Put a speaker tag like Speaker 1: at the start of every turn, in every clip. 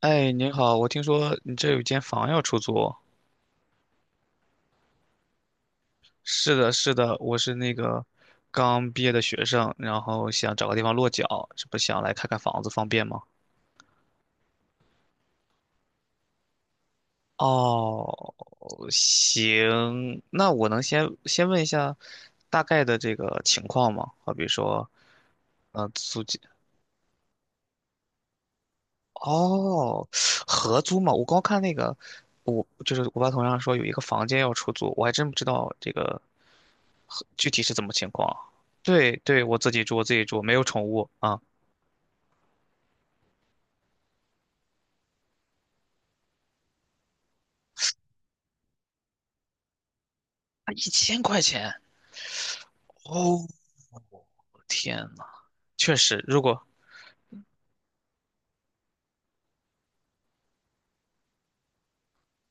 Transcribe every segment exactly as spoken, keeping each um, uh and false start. Speaker 1: 哎，您好，我听说你这有间房要出租。是的，是的，我是那个刚毕业的学生，然后想找个地方落脚，这不想来看看房子，方便吗？哦，行，那我能先先问一下大概的这个情况吗？好比说，呃，租金，哦，合租嘛，我光看那个，我就是我爸同样说有一个房间要出租，我还真不知道这个具体是怎么情况啊？对对，我自己住，我自己住，没有宠物啊。啊，一千块钱！哦，天呐，确实，如果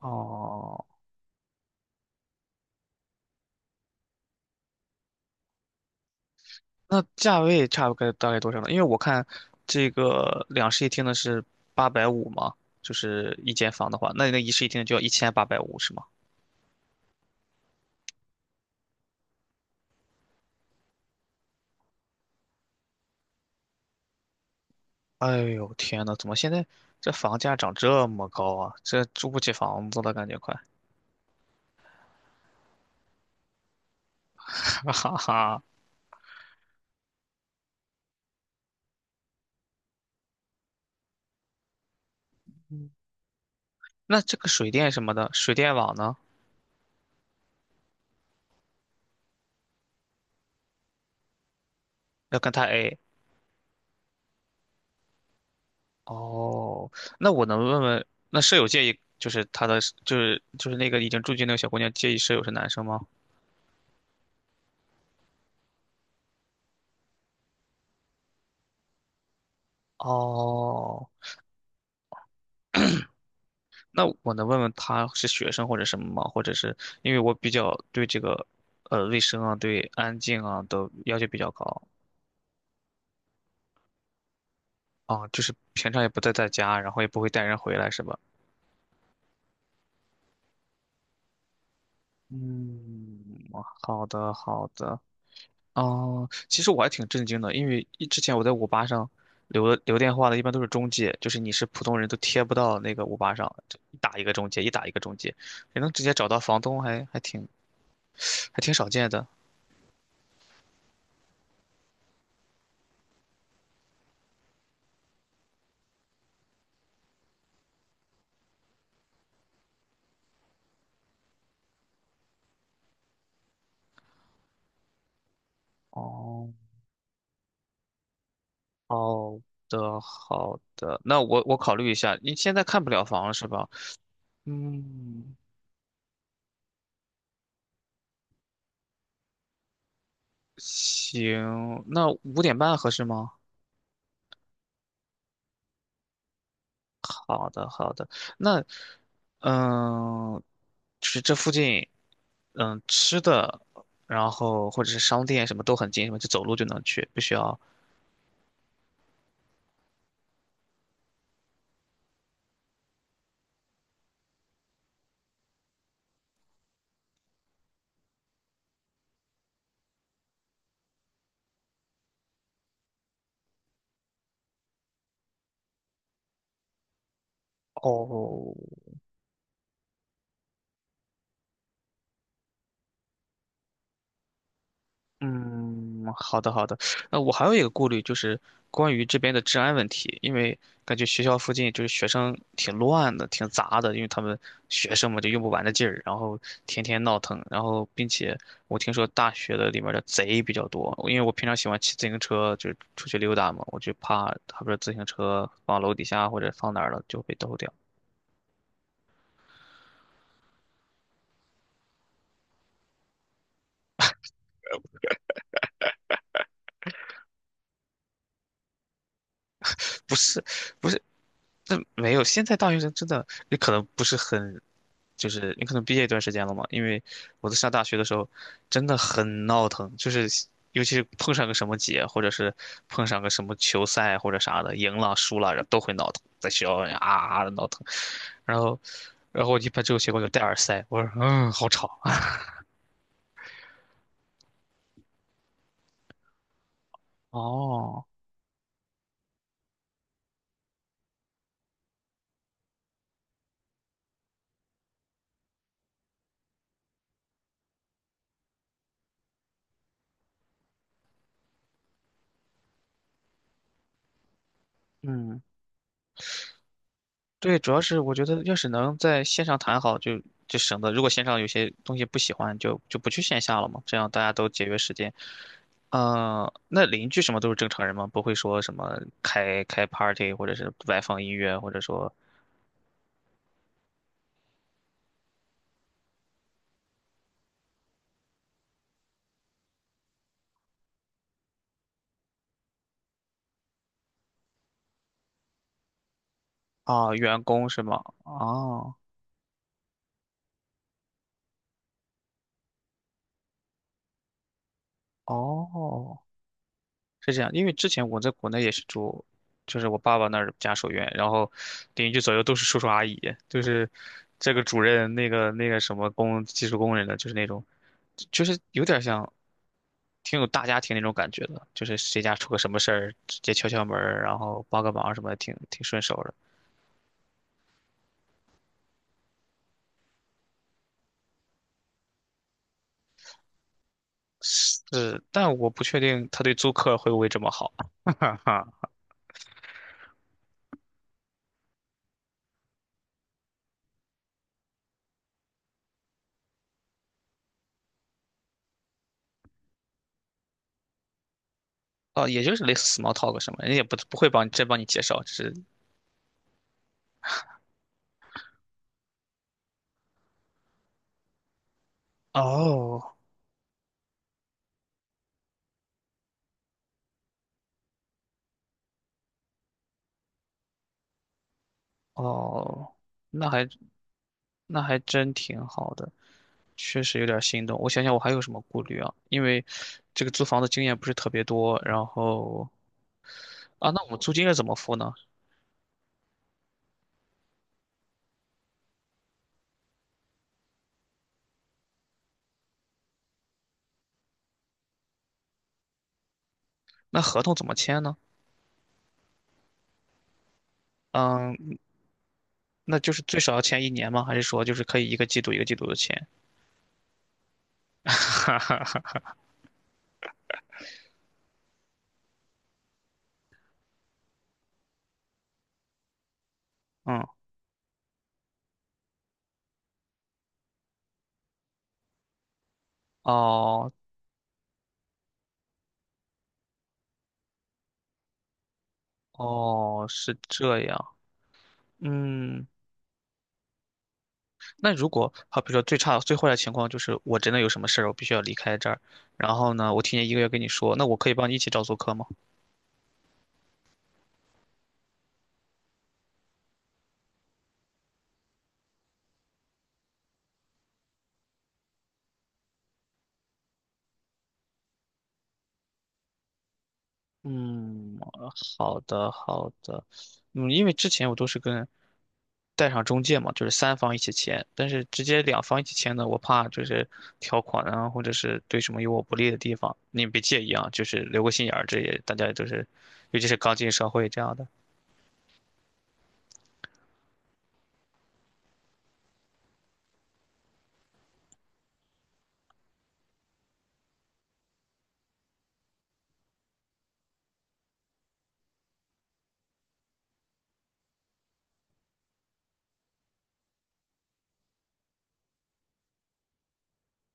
Speaker 1: 哦，那价位差不多大概多少呢？因为我看这个两室一厅的是八百五嘛，就是一间房的话，那你那一室一厅的就要一千八百五是吗？哎呦，天呐，怎么现在这房价涨这么高啊？这住不起房子了，感觉快。哈哈哈。那这个水电什么的，水电网呢？要跟他 A。哦，那我能问问，那舍友介意就是他的，就是就是那个已经住进那个小姑娘介意舍友是男生吗？哦，那我能问问他是学生或者什么吗？或者是因为我比较对这个，呃，卫生啊，对安静啊都要求比较高啊，就是平常也不在在家，然后也不会带人回来，是吧？嗯，好的好的。哦，其实我还挺震惊的，因为一之前我在五八上留留电话的，一般都是中介，就是你是普通人都贴不到那个五八上，就一打一个中介，一打一个中介，也能直接找到房东还，还挺还挺少见的。哦，好的好的，那我我考虑一下，你现在看不了房了是吧？嗯，行，那五点半合适吗？好的，好的。那，嗯，就是这附近，嗯，吃的，然后或者是商店什么都很近，什么就走路就能去，不需要。哦，嗯，好的好的。那我还有一个顾虑就是关于这边的治安问题，因为感觉学校附近就是学生挺乱的，挺杂的，因为他们学生嘛就用不完的劲儿，然后天天闹腾，然后并且我听说大学的里面的贼比较多，因为我平常喜欢骑自行车，就是出去溜达嘛，我就怕他不是自行车放楼底下或者放哪儿了就被偷掉。不是不是，那没有，现在大学生真的，你可能不是很，就是你可能毕业一段时间了嘛。因为我在上大学的时候，真的很闹腾，就是尤其是碰上个什么节，或者是碰上个什么球赛或者啥的，赢了输了，然后都会闹腾，在学校里啊啊的闹腾。然后，然后，我一般这种情况就戴耳塞，我说嗯，好吵。哦，嗯。对，主要是我觉得要是能在线上谈好就，就省得如果线上有些东西不喜欢就，就不去线下了嘛，这样大家都节约时间。嗯，那邻居什么都是正常人吗？不会说什么开开 party 或者是外放音乐，或者说啊员工是吗？啊，哦是这样，因为之前我在国内也是住，就是我爸爸那儿家属院，然后邻居左右都是叔叔阿姨，就是这个主任，那个那个什么工技术工人的，就是那种，就是有点像挺有大家庭那种感觉的，就是谁家出个什么事儿，直接敲敲门儿然后帮个忙什么的，挺挺顺手的。是，但我不确定他对租客会不会这么好。哈哈，哦，也就是类似 small talk 什么，人家也不不会帮你真帮你介绍，只是哦哦，那还那还真挺好的，确实有点心动。我想想，我还有什么顾虑啊？因为这个租房的经验不是特别多，然后啊，那我们租金要怎么付呢？那合同怎么签呢？嗯，那就是最少要签一年吗？还是说就是可以一个季度一个季度的签？嗯，哦哦，是这样。嗯，那如果好，比如说最差最坏的情况就是我真的有什么事儿，我必须要离开这儿，然后呢，我提前一个月跟你说，那我可以帮你一起找租客吗？嗯，好的好的，嗯，因为之前我都是跟带上中介嘛，就是三方一起签，但是直接两方一起签呢，我怕就是条款啊，或者是对什么有我不利的地方，你别介意啊，就是留个心眼儿，这也大家也都是，尤其是刚进社会这样的。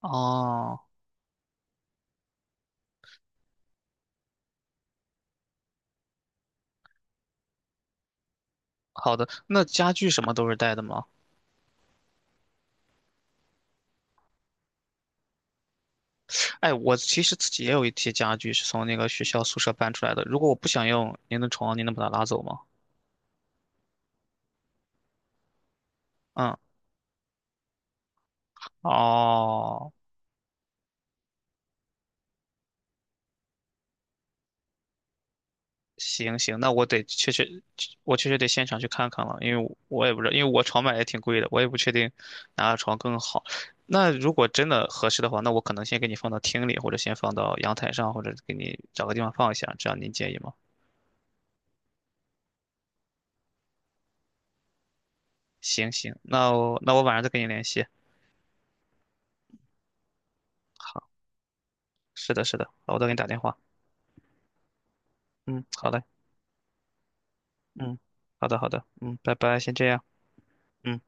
Speaker 1: 哦，好的，那家具什么都是带的吗？哎，我其实自己也有一些家具是从那个学校宿舍搬出来的，如果我不想用，您的床，您能把它拉走吗？嗯，哦。行行，那我得确实，我确实得现场去看看了，因为我我也不知道，因为我床买也挺贵的，我也不确定哪个床更好。那如果真的合适的话，那我可能先给你放到厅里，或者先放到阳台上，或者给你找个地方放一下，这样您介意吗？行行，那我那我晚上再跟你联系。好，是的，是的，好，我再给你打电话。嗯，好嘞，嗯，好的，好的，嗯，拜拜，先这样。嗯。